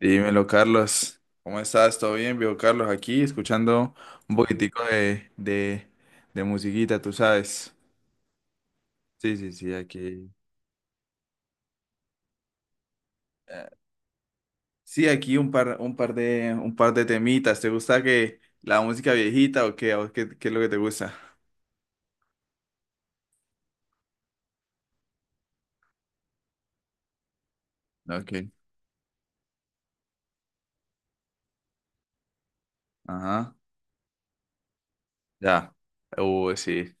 Dímelo, Carlos. ¿Cómo estás? ¿Todo bien? Viejo Carlos, aquí escuchando un poquitico de musiquita, tú sabes. Sí, sí, sí, aquí. eh, Sí, aquí un par de temitas. ¿Te gusta que la música viejita o qué? ¿A vos qué es lo que te gusta? Ok. Ajá. Ya. Sí.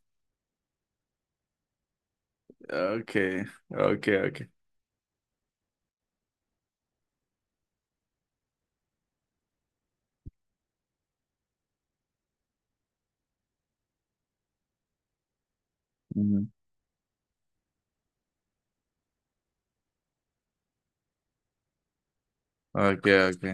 Ok, ok, ok. Ujú. Ok, ok.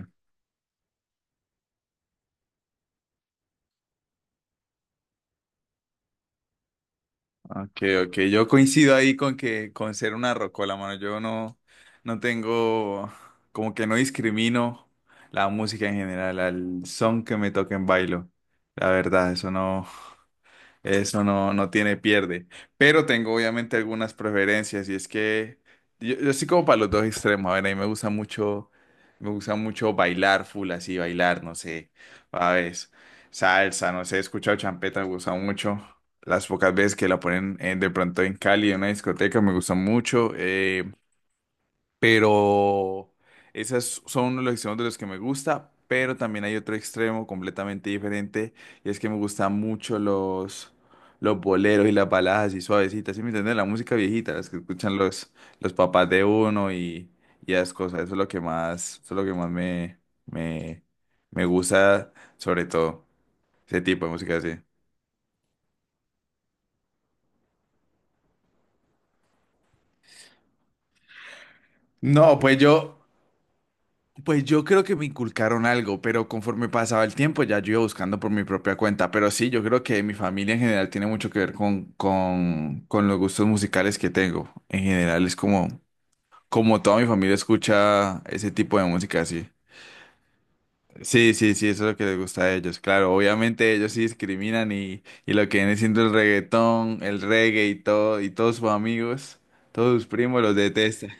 Ok, ok, yo coincido ahí con que con ser una rocola, mano. Yo no, no tengo, como que no discrimino la música en general, al son que me toquen bailo. La verdad, eso no. Eso no, no tiene pierde. Pero tengo obviamente algunas preferencias y es que yo soy como para los dos extremos. A ver, a mí me gusta mucho bailar full así, bailar, no sé, a veces salsa, no sé, he escuchado champeta, me gusta mucho. Las pocas veces que la ponen de pronto en Cali, en una discoteca, me gusta mucho. Pero esas son uno de los extremos de los que me gusta, pero también hay otro extremo completamente diferente y es que me gustan mucho los boleros y las baladas así suavecitas, ¿sí me entiendes? La música viejita, las que escuchan los papás de uno y esas cosas, eso es lo que más, eso es lo que más me, me gusta, sobre todo, ese tipo de música así. No, pues yo, Pues yo creo que me inculcaron algo, pero conforme pasaba el tiempo ya yo iba buscando por mi propia cuenta. Pero sí, yo creo que mi familia en general tiene mucho que ver con los gustos musicales que tengo. En general es como toda mi familia escucha ese tipo de música así. Sí, sí, sí, eso es lo que les gusta a ellos. Claro, obviamente ellos sí discriminan y lo que viene siendo el reggaetón, el reggae y todo, y todos sus amigos, todos sus primos los detestan.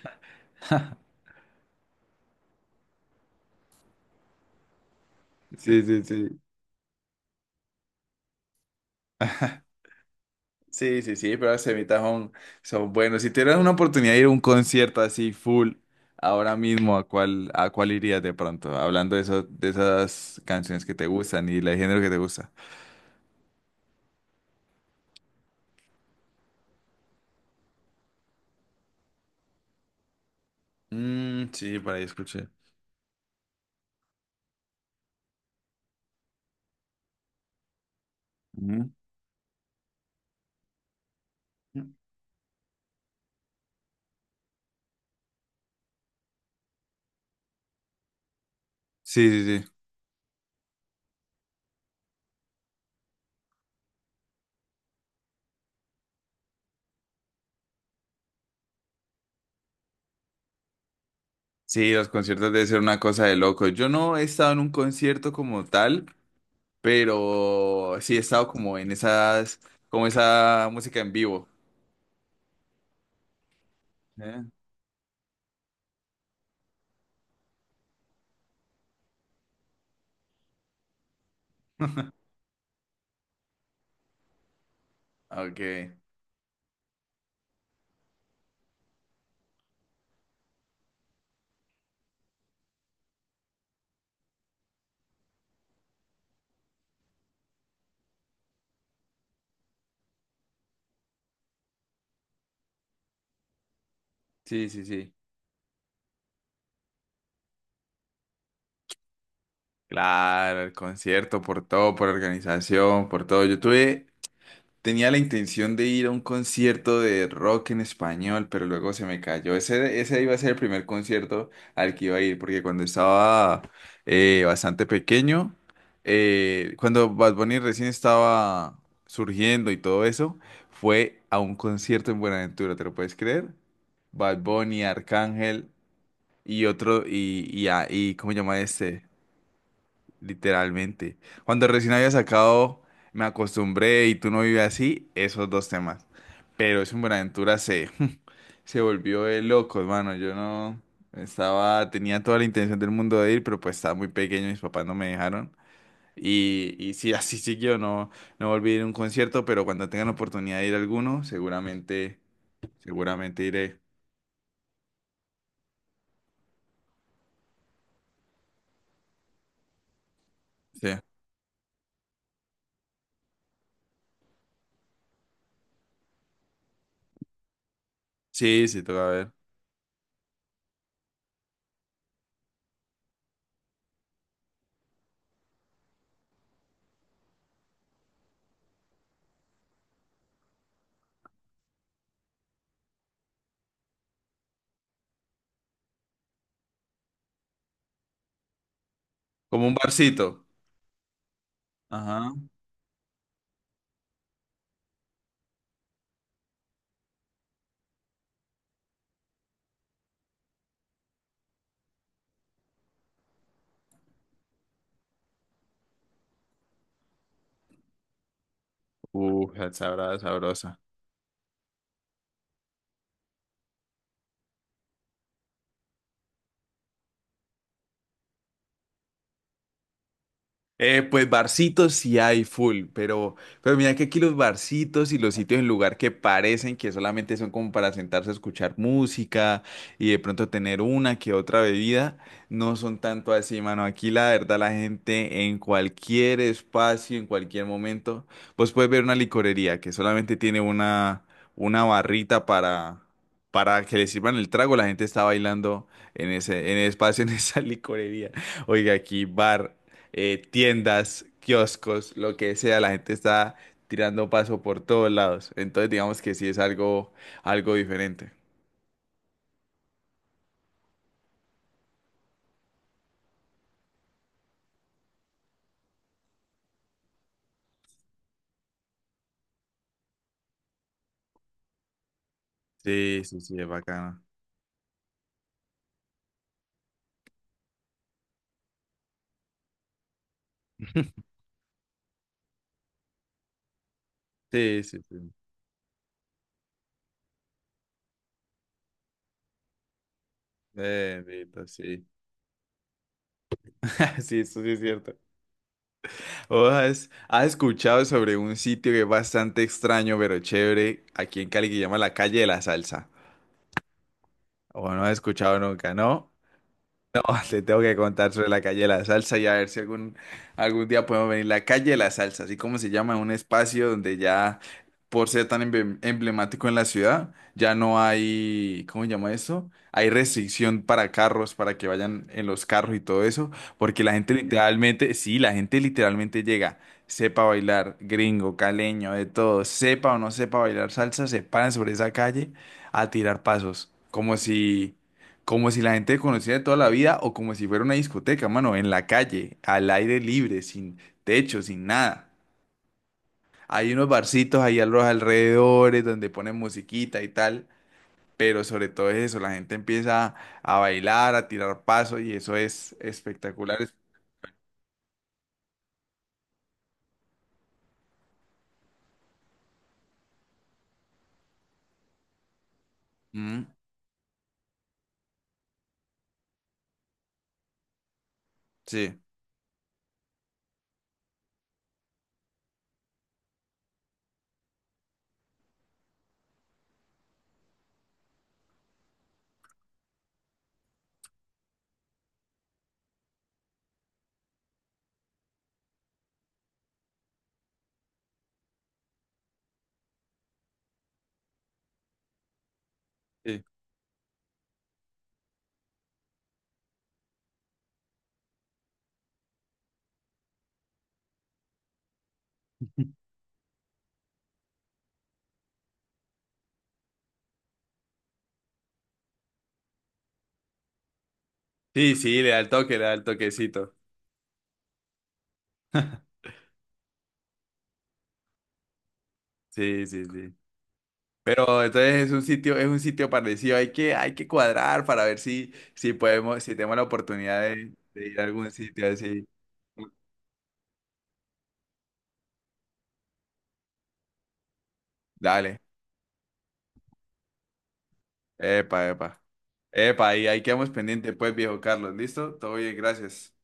Sí, sí, sí. Sí, sí, sí, pero las semitas son buenos. Si tuvieras una oportunidad de ir a un concierto así full ahora mismo, ¿a a cuál irías de pronto? Hablando de eso, de esas canciones que te gustan y el género que te gusta. Mm, sí, por ahí escuché. Ujú. Sí, sí, sí. Sí, los conciertos deben ser una cosa de loco. Yo no he estado en un concierto como tal, pero sí he estado como en como esa música en vivo. ¿Eh? Ok. Sí, sí, sí. Claro, el concierto, por todo, por organización, por todo. Tenía la intención de ir a un concierto de rock en español, pero luego se me cayó. Ese iba a ser el primer concierto al que iba a ir, porque cuando estaba bastante pequeño, cuando Bad Bunny recién estaba surgiendo y todo eso, fue a un concierto en Buenaventura, ¿te lo puedes creer? Bad Bunny, Arcángel y otro, y, a- y ¿cómo se llama este? Literalmente. Cuando recién había sacado Me acostumbré y tú no vives así, esos dos temas. Pero es un Buenaventura se, se volvió de locos, mano. Yo no estaba, tenía toda la intención del mundo de ir, pero pues estaba muy pequeño, mis papás no me dejaron. Y sí, así siguió, no, no volví a ir a un concierto, pero cuando tengan la oportunidad de ir a alguno, seguramente, seguramente iré. Sí, sí, sí, toca ver. Como un barcito. Ajá. Sabrá, sabrosa. Pues barcitos sí hay pero mira que aquí los barcitos y los sitios en lugar que parecen que solamente son como para sentarse a escuchar música y de pronto tener una que otra bebida, no son tanto así, mano. Aquí la verdad la gente en cualquier espacio, en cualquier momento, vos puedes ver una licorería que solamente tiene una barrita para que le sirvan el trago, la gente está bailando en en ese espacio, en esa licorería. Oiga, aquí bar tiendas, kioscos, lo que sea, la gente está tirando paso por todos lados. Entonces, digamos que sí es algo diferente. Sí, sí, sí, es bacano. Sí, sí, sí. Bendito, sí. Sí, eso sí es cierto. ¿Vos has escuchado sobre un sitio que es bastante extraño, pero chévere, aquí en Cali, que se llama la Calle de la Salsa? ¿O no has escuchado nunca, no? No, te tengo que contar sobre la calle de la salsa y a ver si algún día podemos venir. La calle de la salsa, así como se llama, un espacio donde ya, por ser tan emblemático en la ciudad, ya no hay, ¿cómo se llama eso? Hay restricción para carros, para que vayan en los carros y todo eso, porque la gente literalmente, sí, la gente literalmente llega, sepa bailar, gringo, caleño, de todo, sepa o no sepa bailar salsa, se paran sobre esa calle a tirar pasos, como si la gente conociera de toda la vida o como si fuera una discoteca, mano, en la calle, al aire libre, sin techo, sin nada. Hay unos barcitos ahí a los alrededores donde ponen musiquita y tal, pero sobre todo es eso, la gente empieza a bailar, a tirar paso y eso es espectacular. Es- Mm, sí, sí. Sí, sí, le da el toque, le da el toquecito. Sí, sí, sí. Pero entonces es un sitio parecido. Hay hay que cuadrar para ver si podemos, si tenemos la oportunidad de ir a algún sitio así. Dale. Epa, epa. Epa, y ahí quedamos pendientes, pues, viejo Carlos. ¿Listo? Todo bien, gracias.